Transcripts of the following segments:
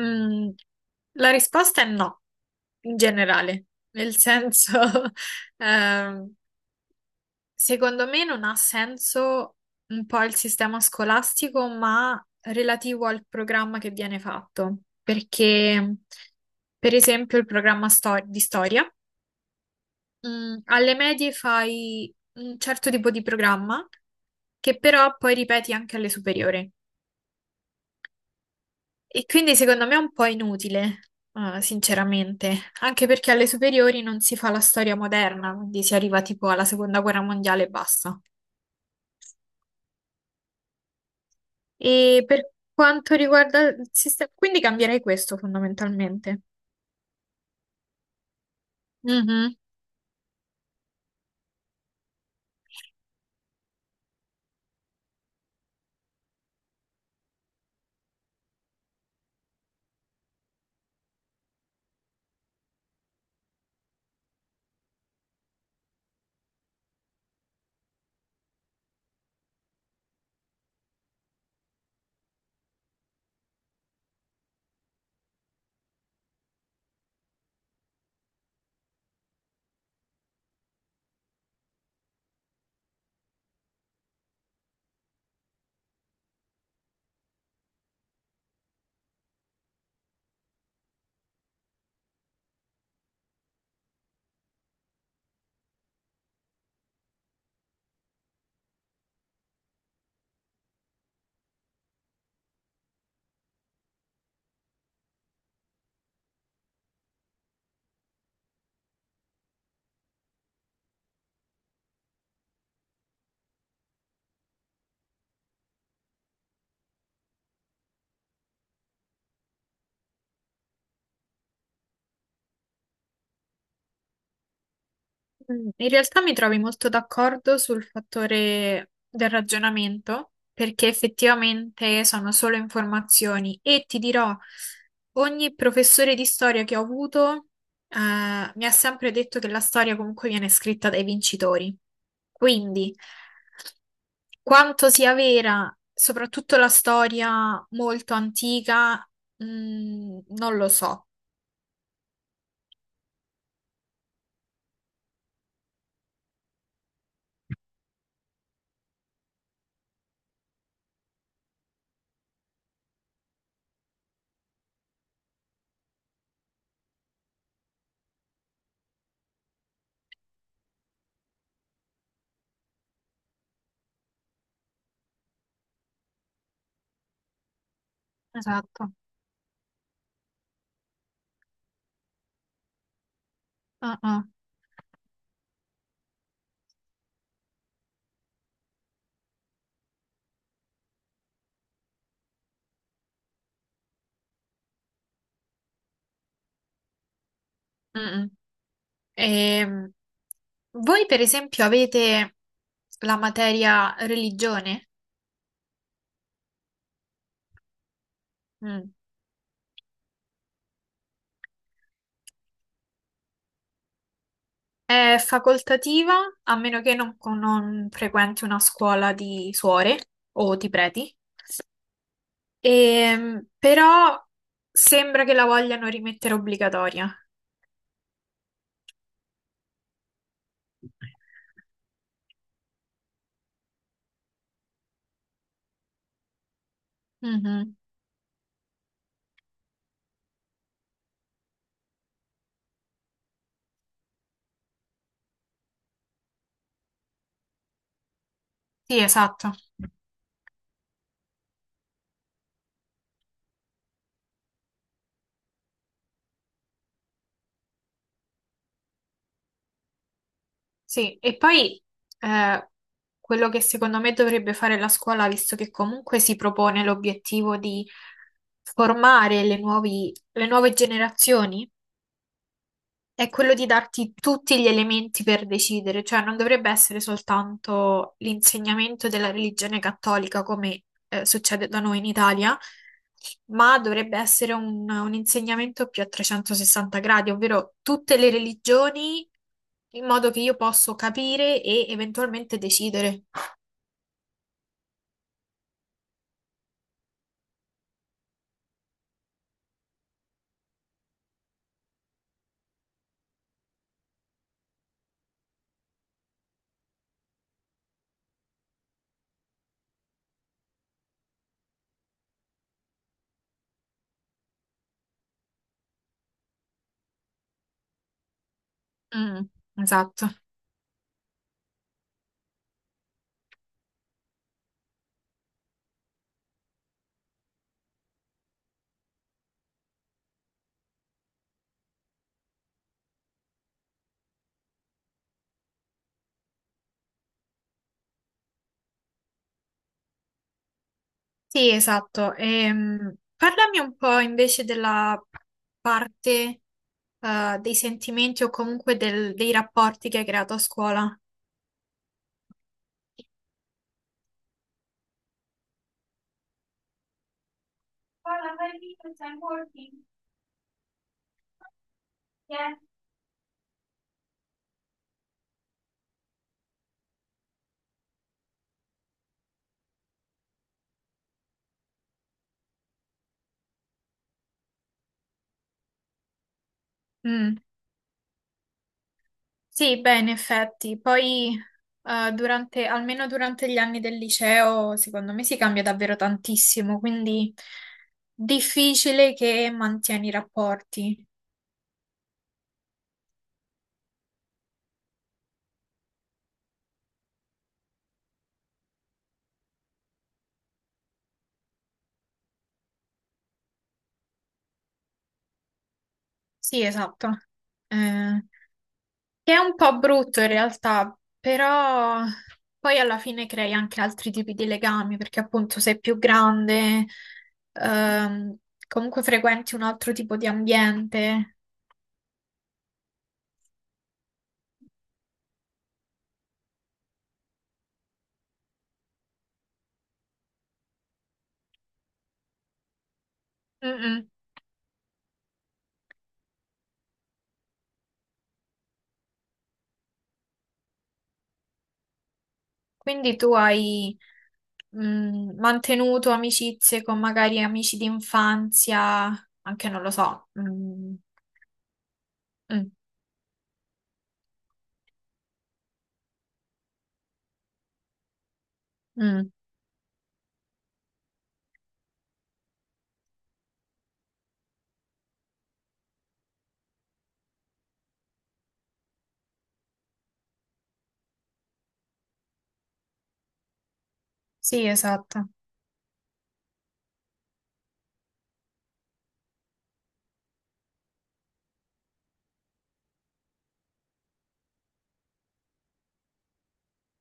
Mm, la risposta è no, in generale, nel senso, ehm, secondo me non ha senso un po' il sistema scolastico, ma relativo al programma che viene fatto, perché per esempio il programma di storia, alle medie fai un certo tipo di programma che però poi ripeti anche alle superiori. E quindi secondo me è un po' inutile, sinceramente, anche perché alle superiori non si fa la storia moderna, quindi si arriva tipo alla seconda guerra mondiale e basta. E per quanto riguarda il sistema, quindi cambierei questo fondamentalmente. Mhm. In realtà mi trovi molto d'accordo sul fattore del ragionamento, perché effettivamente sono solo informazioni e ti dirò, ogni professore di storia che ho avuto, mi ha sempre detto che la storia comunque viene scritta dai vincitori. Quindi, quanto sia vera, soprattutto la storia molto antica, non lo so. Esatto. Ah, ah. Mm, mm. Ehm, Voi per esempio avete la materia religione? Mm. È facoltativa a meno che non frequenti una scuola di suore o di preti. Però sembra che la vogliano rimettere obbligatoria. Mhm. Sì, esatto. Sì, e poi eh, quello che secondo me dovrebbe fare la scuola, visto che comunque si propone l'obiettivo di formare le nuove generazioni, è quello di darti tutti gli elementi per decidere, cioè non dovrebbe essere soltanto l'insegnamento della religione cattolica come succede da noi in Italia, ma dovrebbe essere un insegnamento più a 360 gradi, ovvero tutte le religioni in modo che io posso capire e eventualmente decidere. Mm, esatto. Sì, esatto. Parlami un po' invece della parte, dei sentimenti o comunque dei rapporti che hai creato a scuola? Mm. Sì, beh, in effetti, poi durante, almeno durante gli anni del liceo, secondo me si cambia davvero tantissimo, quindi difficile che mantieni i rapporti. Sì, esatto. Eh, Che è un po' brutto in realtà, però poi alla fine crei anche altri tipi di legami, perché appunto sei più grande, ehm, comunque frequenti un altro tipo di ambiente. Mm, mm. Quindi tu hai, mantenuto amicizie con magari amici d'infanzia, anche non lo so. Mm, mm, mm. Sì, esatto.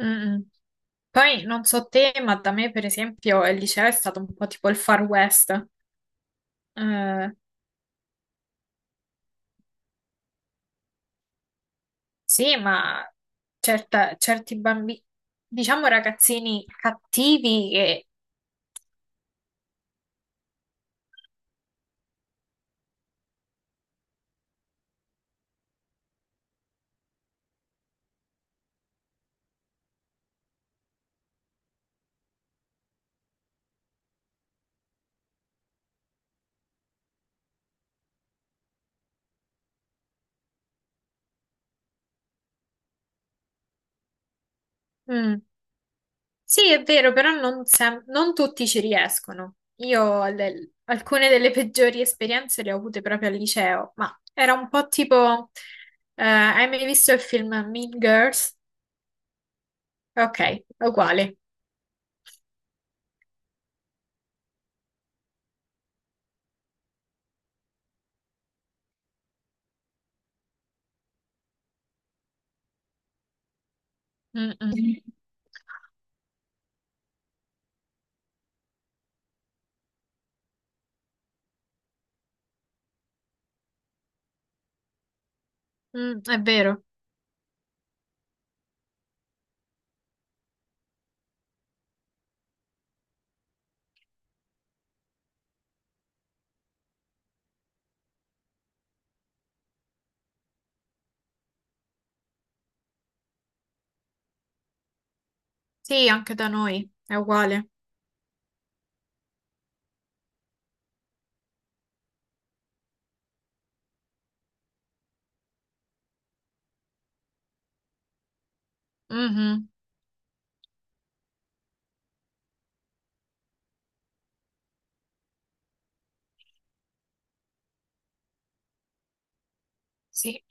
Mm, mm. Poi non so te, ma da me per esempio il liceo è stato un po' tipo il Far West. Eh, sì, ma certi bambini, diciamo ragazzini cattivi che... Mm, sì, è vero, però non, non tutti ci riescono. Alcune delle peggiori esperienze le ho avute proprio al liceo, ma era un po' tipo... Hai mai visto il film Mean Girls? Ok, è uguale. Mm, mm. Mm, è vero. Sì, anche da noi è uguale. Mhm. Sì.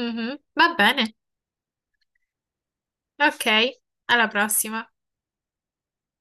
Mhm. Va bene. Ok, alla prossima.